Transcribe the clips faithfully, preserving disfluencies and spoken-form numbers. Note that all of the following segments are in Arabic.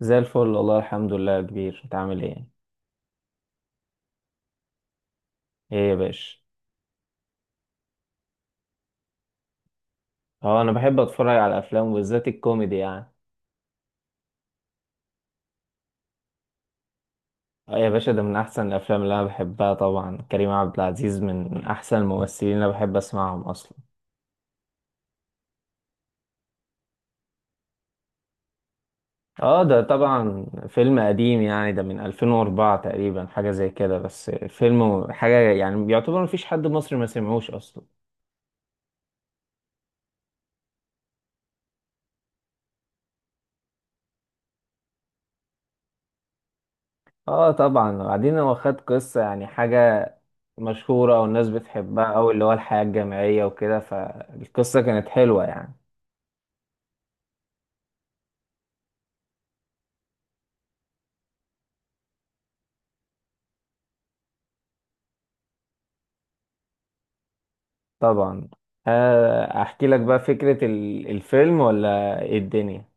زي الفل والله الحمد لله يا كبير، انت عامل ايه؟ ايه يا باشا؟ اه، انا بحب اتفرج على الافلام وبالذات الكوميدي يعني. اه يا باشا، ده من احسن الافلام اللي انا بحبها. طبعا كريم عبد العزيز من احسن الممثلين اللي انا بحب اسمعهم اصلا. اه، ده طبعا فيلم قديم يعني، ده من ألفين وأربعة تقريبا، حاجه زي كده. بس فيلم حاجه يعني يعتبر مفيش حد مصري ما سمعوش اصلا. اه طبعا. وبعدين هو خد قصه يعني حاجه مشهورة والناس بتحبها أوي، اللي هو الحياة الجامعية وكده، فالقصة كانت حلوة يعني. طبعا. آه، أحكي لك بقى فكرة ال- الفيلم ولا إيه الدنيا؟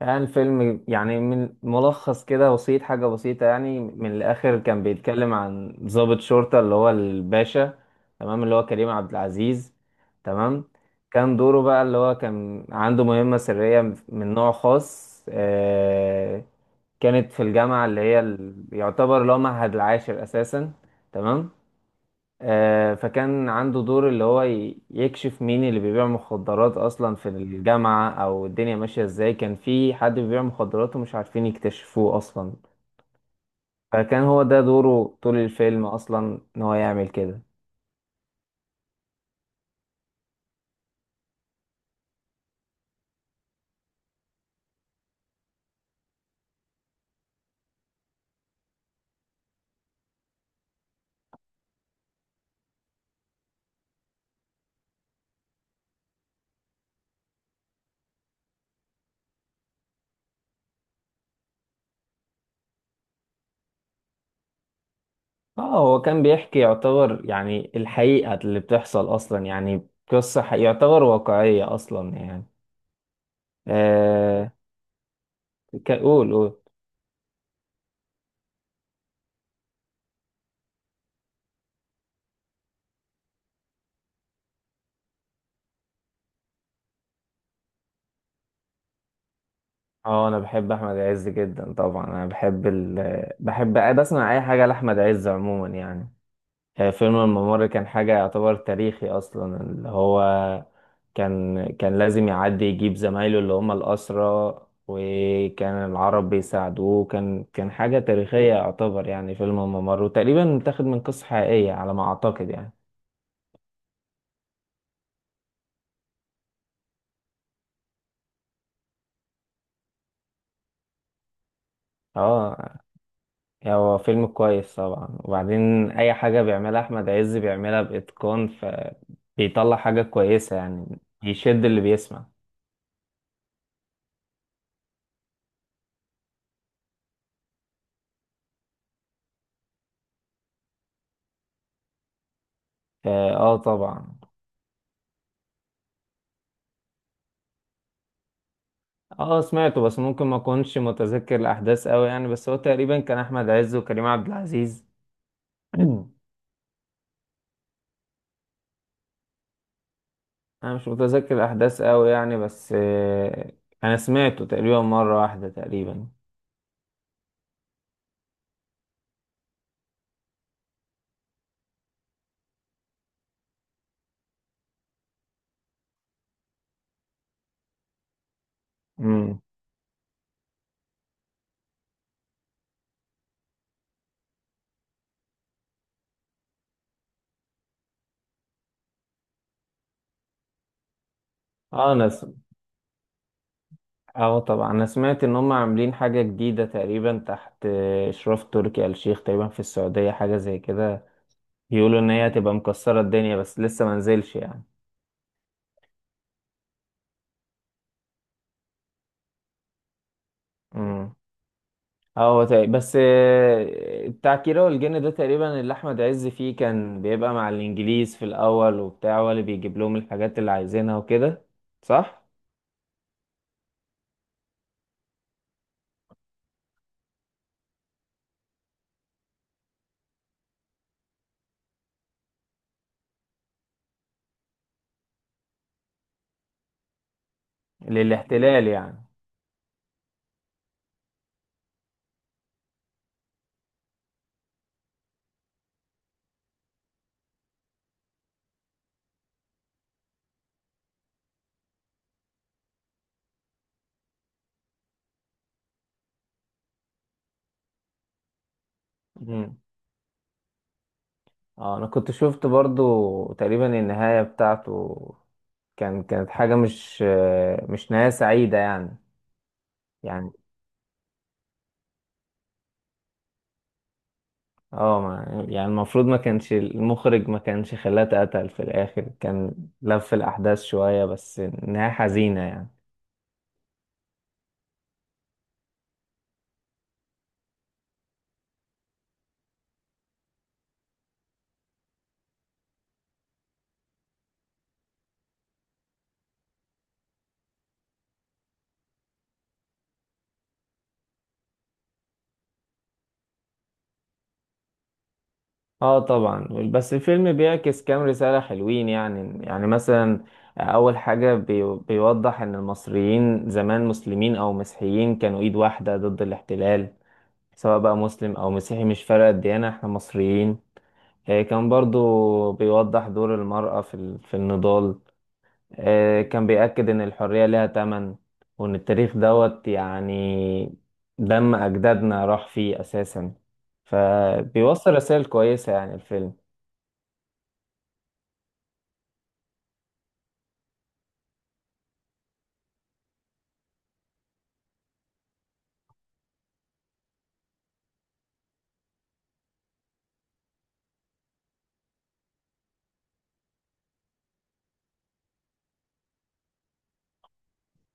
يعني الفيلم يعني من ملخص كده بسيط، حاجة بسيطة يعني. من الآخر كان بيتكلم عن ضابط شرطة اللي هو الباشا. تمام، اللي هو كريم عبد العزيز. تمام. كان دوره بقى اللي هو كان عنده مهمة سرية من نوع خاص. آه، كانت في الجامعة اللي هي ال- يعتبر اللي هو معهد العاشر أساسا. تمام. آه فكان عنده دور اللي هو ي- يكشف مين اللي بيبيع مخدرات أصلا في الجامعة، أو الدنيا ماشية إزاي. كان في حد بيبيع مخدرات ومش عارفين يكتشفوه أصلا. فكان هو ده دوره طول الفيلم أصلا، إن هو يعمل كده. اه، هو كان بيحكي يعتبر يعني الحقيقة اللي بتحصل أصلا، يعني قصة حقيقية- يعتبر واقعية أصلا يعني. آه. ك- قول قول. اه، انا بحب احمد عز جدا. طبعا انا بحب ال... بحب بسمع اي حاجه لاحمد عز عموما يعني. آه، فيلم الممر كان حاجه يعتبر تاريخي اصلا، اللي هو كان كان لازم يعدي يجيب زمايله اللي هم الاسرى. وكان العرب بيساعدوه. كان كان حاجه تاريخيه يعتبر يعني. فيلم الممر وتقريبا متاخد من قصه حقيقيه على ما اعتقد يعني. اه، يعني هو فيلم كويس طبعا. وبعدين اي حاجة بيعملها احمد عز بيعملها باتقان، فبيطلع حاجة كويسة يعني، يشد اللي بيسمع. اه، آه، طبعا. اه سمعته، بس ممكن ما اكونش متذكر الاحداث قوي يعني. بس هو تقريبا كان احمد عز وكريم عبد العزيز. انا مش متذكر الاحداث قوي يعني. بس آه انا سمعته تقريبا مرة واحدة تقريبا. امم. اه، انا اه طبعا، انا سمعت ان هم عاملين حاجة جديدة تقريبا تحت اشراف تركي آل الشيخ تقريبا في السعودية، حاجة زي كده. بيقولوا ان هي هتبقى مكسرة الدنيا، بس لسه ما نزلش يعني. امم. اه، هو تق- بس آه، بتاع كيرة والجن ده تقريبا اللي احمد عز فيه كان بيبقى مع الانجليز في الاول، وبتاع هو اللي بيجيب لهم الحاجات اللي عايزينها وكده. صح. للاحتلال يعني. اه، انا كنت شفت برضو تقريبا النهاية بتاعته. كان كانت حاجة مش آه، مش نهاية سعيدة يعني. يعني اه، ما- يعني المفروض ما كانش المخرج ما كانش خلاها اتقتل في الاخر. كان لف الاحداث شوية، بس نهاية حزينة يعني. اه طبعا. بس الفيلم بيعكس كام رسالة حلوين يعني يعني مثلا اول حاجة بي- بيوضح ان المصريين زمان مسلمين او مسيحيين كانوا ايد واحدة ضد الاحتلال. سواء بقى مسلم أو مسيحي، مش فارقة الديانة، احنا مصريين. آه، كان برضو بيوضح دور المرأة في ال- في النضال. آه، كان بيأكد إن الحرية لها تمن، وإن التاريخ دوت يعني دم أجدادنا راح فيه أساسا. فبيوصل رسائل كويسة يعني الفيلم.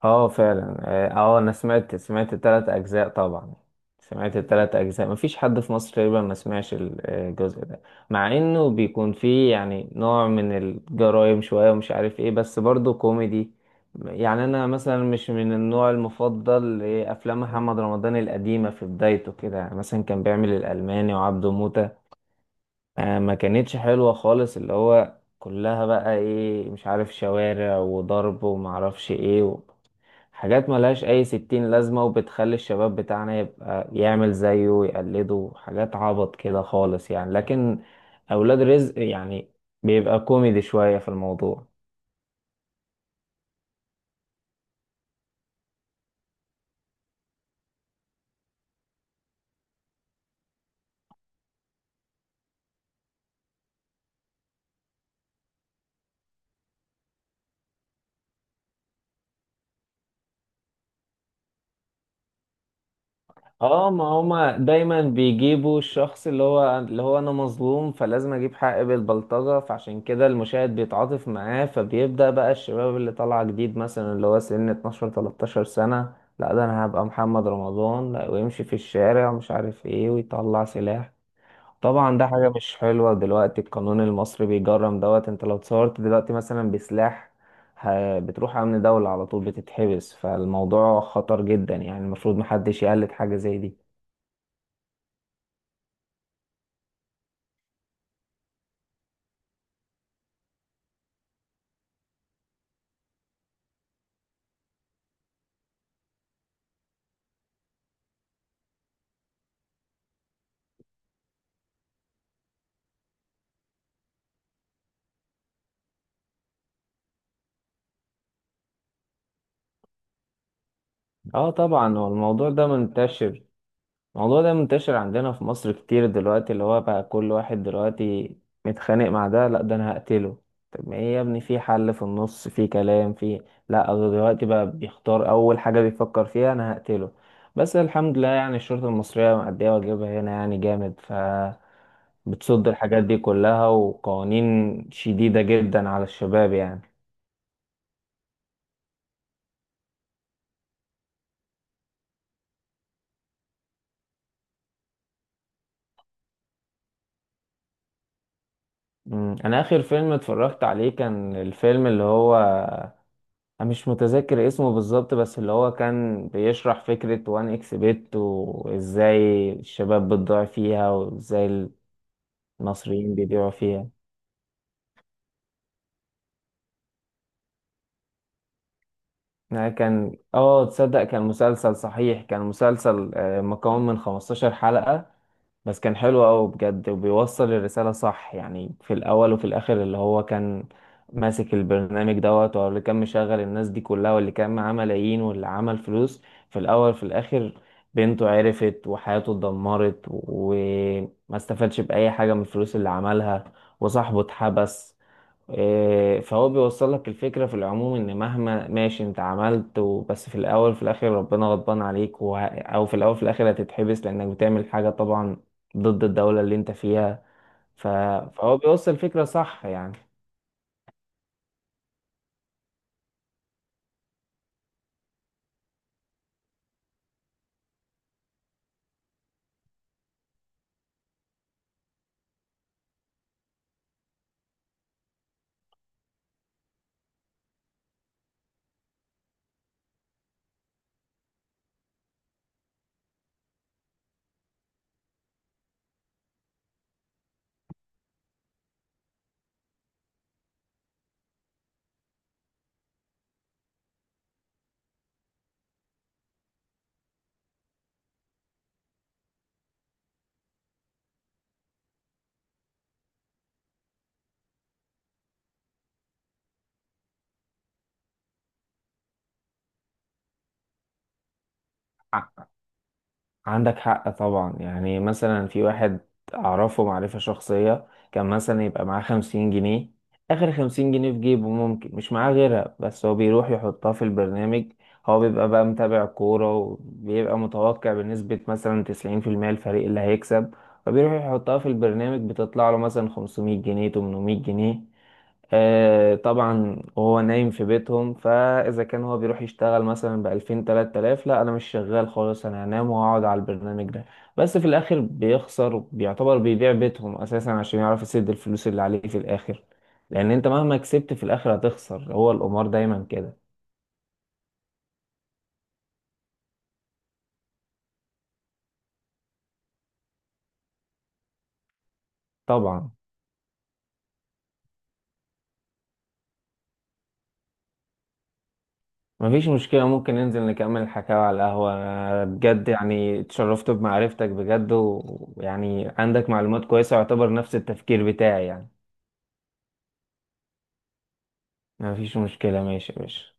اه فعلا. اه، آه، انا سمعت سمعت التلات اجزاء طبعا. سمعت التلات اجزاء، مفيش حد في مصر تقريبا ما سمعش ال- الجزء ده. مع انه بيكون فيه يعني نوع من الجرايم شوية، ومش عارف ايه، بس برضه كوميدي. يعني انا مثلا مش من النوع المفضل لافلام محمد رمضان القديمة في بدايته كده، يعني مثلا كان بيعمل الالماني وعبده موتة. آه، ما كانتش حلوة خالص، اللي هو كلها بقى ايه مش عارف، شوارع وضرب ومعرفش ايه، حاجات ملهاش أي ستين لازمة، وبتخلي الشباب بتاعنا يبقى يعمل زيه ويقلده حاجات عبط كده خالص يعني. لكن أولاد رزق يعني بيبقى كوميدي شوية في الموضوع. اه، ما هما دايما بيجيبوا الشخص اللي هو اللي هو انا مظلوم فلازم اجيب حقي بالبلطجة، فعشان كده المشاهد بيتعاطف معاه. فبيبدأ بقى الشباب اللي طالعة جديد مثلا اللي هو سن اتناشر تلتاشر سنة، لا ده انا هبقى محمد رمضان، لا، ويمشي في الشارع ومش عارف ايه ويطلع سلاح. طبعا ده حاجة مش حلوة. دلوقتي القانون المصري بيجرم دوت. انت لو اتصورت دلوقتي مثلا بسلاح، ه- بتروح امن دولة على طول، بتتحبس، فالموضوع خطر جدا يعني، المفروض محدش يقلد حاجة زي دي. اه طبعا. هو الموضوع ده منتشر الموضوع ده منتشر عندنا في مصر كتير دلوقتي، اللي هو بقى كل واحد دلوقتي متخانق مع ده، لا ده انا هقتله. طب ما ايه يا ابني، في حل، في النص، في كلام، في لا، هو دلوقتي بقى بيختار اول حاجة بيفكر فيها انا هقتله. بس الحمد لله يعني الشرطة المصرية مأدية واجبها هنا يعني جامد، ف بتصد الحاجات دي كلها، وقوانين شديدة جدا على الشباب يعني. مم. انا اخر فيلم اتفرجت عليه كان الفيلم اللي هو، أنا مش متذكر اسمه بالظبط، بس اللي هو كان بيشرح فكرة وان اكس بيت وازاي الشباب بتضيع فيها، وازاي المصريين بيبيعوا فيها. يعني كان، اه، تصدق كان مسلسل صحيح، كان مسلسل آه، مكون من خمستاشر حلقة. بس كان حلو أوي بجد، وبيوصل الرسالة صح يعني. في الأول وفي الآخر اللي هو كان ماسك البرنامج دوت، واللي كان مشغل الناس دي كلها، واللي كان معاه ملايين، واللي عمل فلوس. في الأول في الآخر بنته عرفت وحياته اتدمرت، وما استفادش بأي حاجة من الفلوس اللي عملها، وصاحبه اتحبس. إيه، فهو بيوصل لك الفكرة في العموم ان مهما ماشي انت عملت و- بس في الاول في الاخر ربنا غضبان عليك، و... او في الاول في الاخر هتتحبس لانك بتعمل حاجة طبعا ضد الدولة اللي انت فيها. ف... فهو بيوصل الفكرة صح يعني. عندك حق طبعا. يعني مثلا في واحد أعرفه معرفة شخصية، كان مثلا يبقى معاه خمسين جنيه. آخر خمسين جنيه في جيبه، ممكن مش معاه غيرها، بس هو بيروح يحطها في البرنامج. هو بيبقى بقى متابع كورة، وبيبقى متوقع بنسبة مثلا تسعين في المية الفريق اللي هيكسب. فبيروح يحطها في البرنامج بتطلع له مثلا خمسمية جنيه، تمنمية جنيه. آه طبعا. وهو نايم في بيتهم، فاذا كان هو بيروح يشتغل مثلا بألفين تلات آلاف، لا انا مش شغال خالص، انا هنام وهقعد على البرنامج ده. بس في الاخر بيخسر، بيعتبر بيبيع بيتهم اساسا عشان يعرف يسد الفلوس اللي عليه في الاخر. لان انت مهما كسبت في الاخر هتخسر، هو القمار دايما كده. طبعا. مفيش مشكلة، ممكن ننزل نكمل الحكاية على القهوة. أنا بجد يعني اتشرفت بمعرفتك بجد، ويعني عندك معلومات كويسة ويعتبر نفس التفكير بتاعي يعني. مفيش مشكلة، ماشي يا باشا.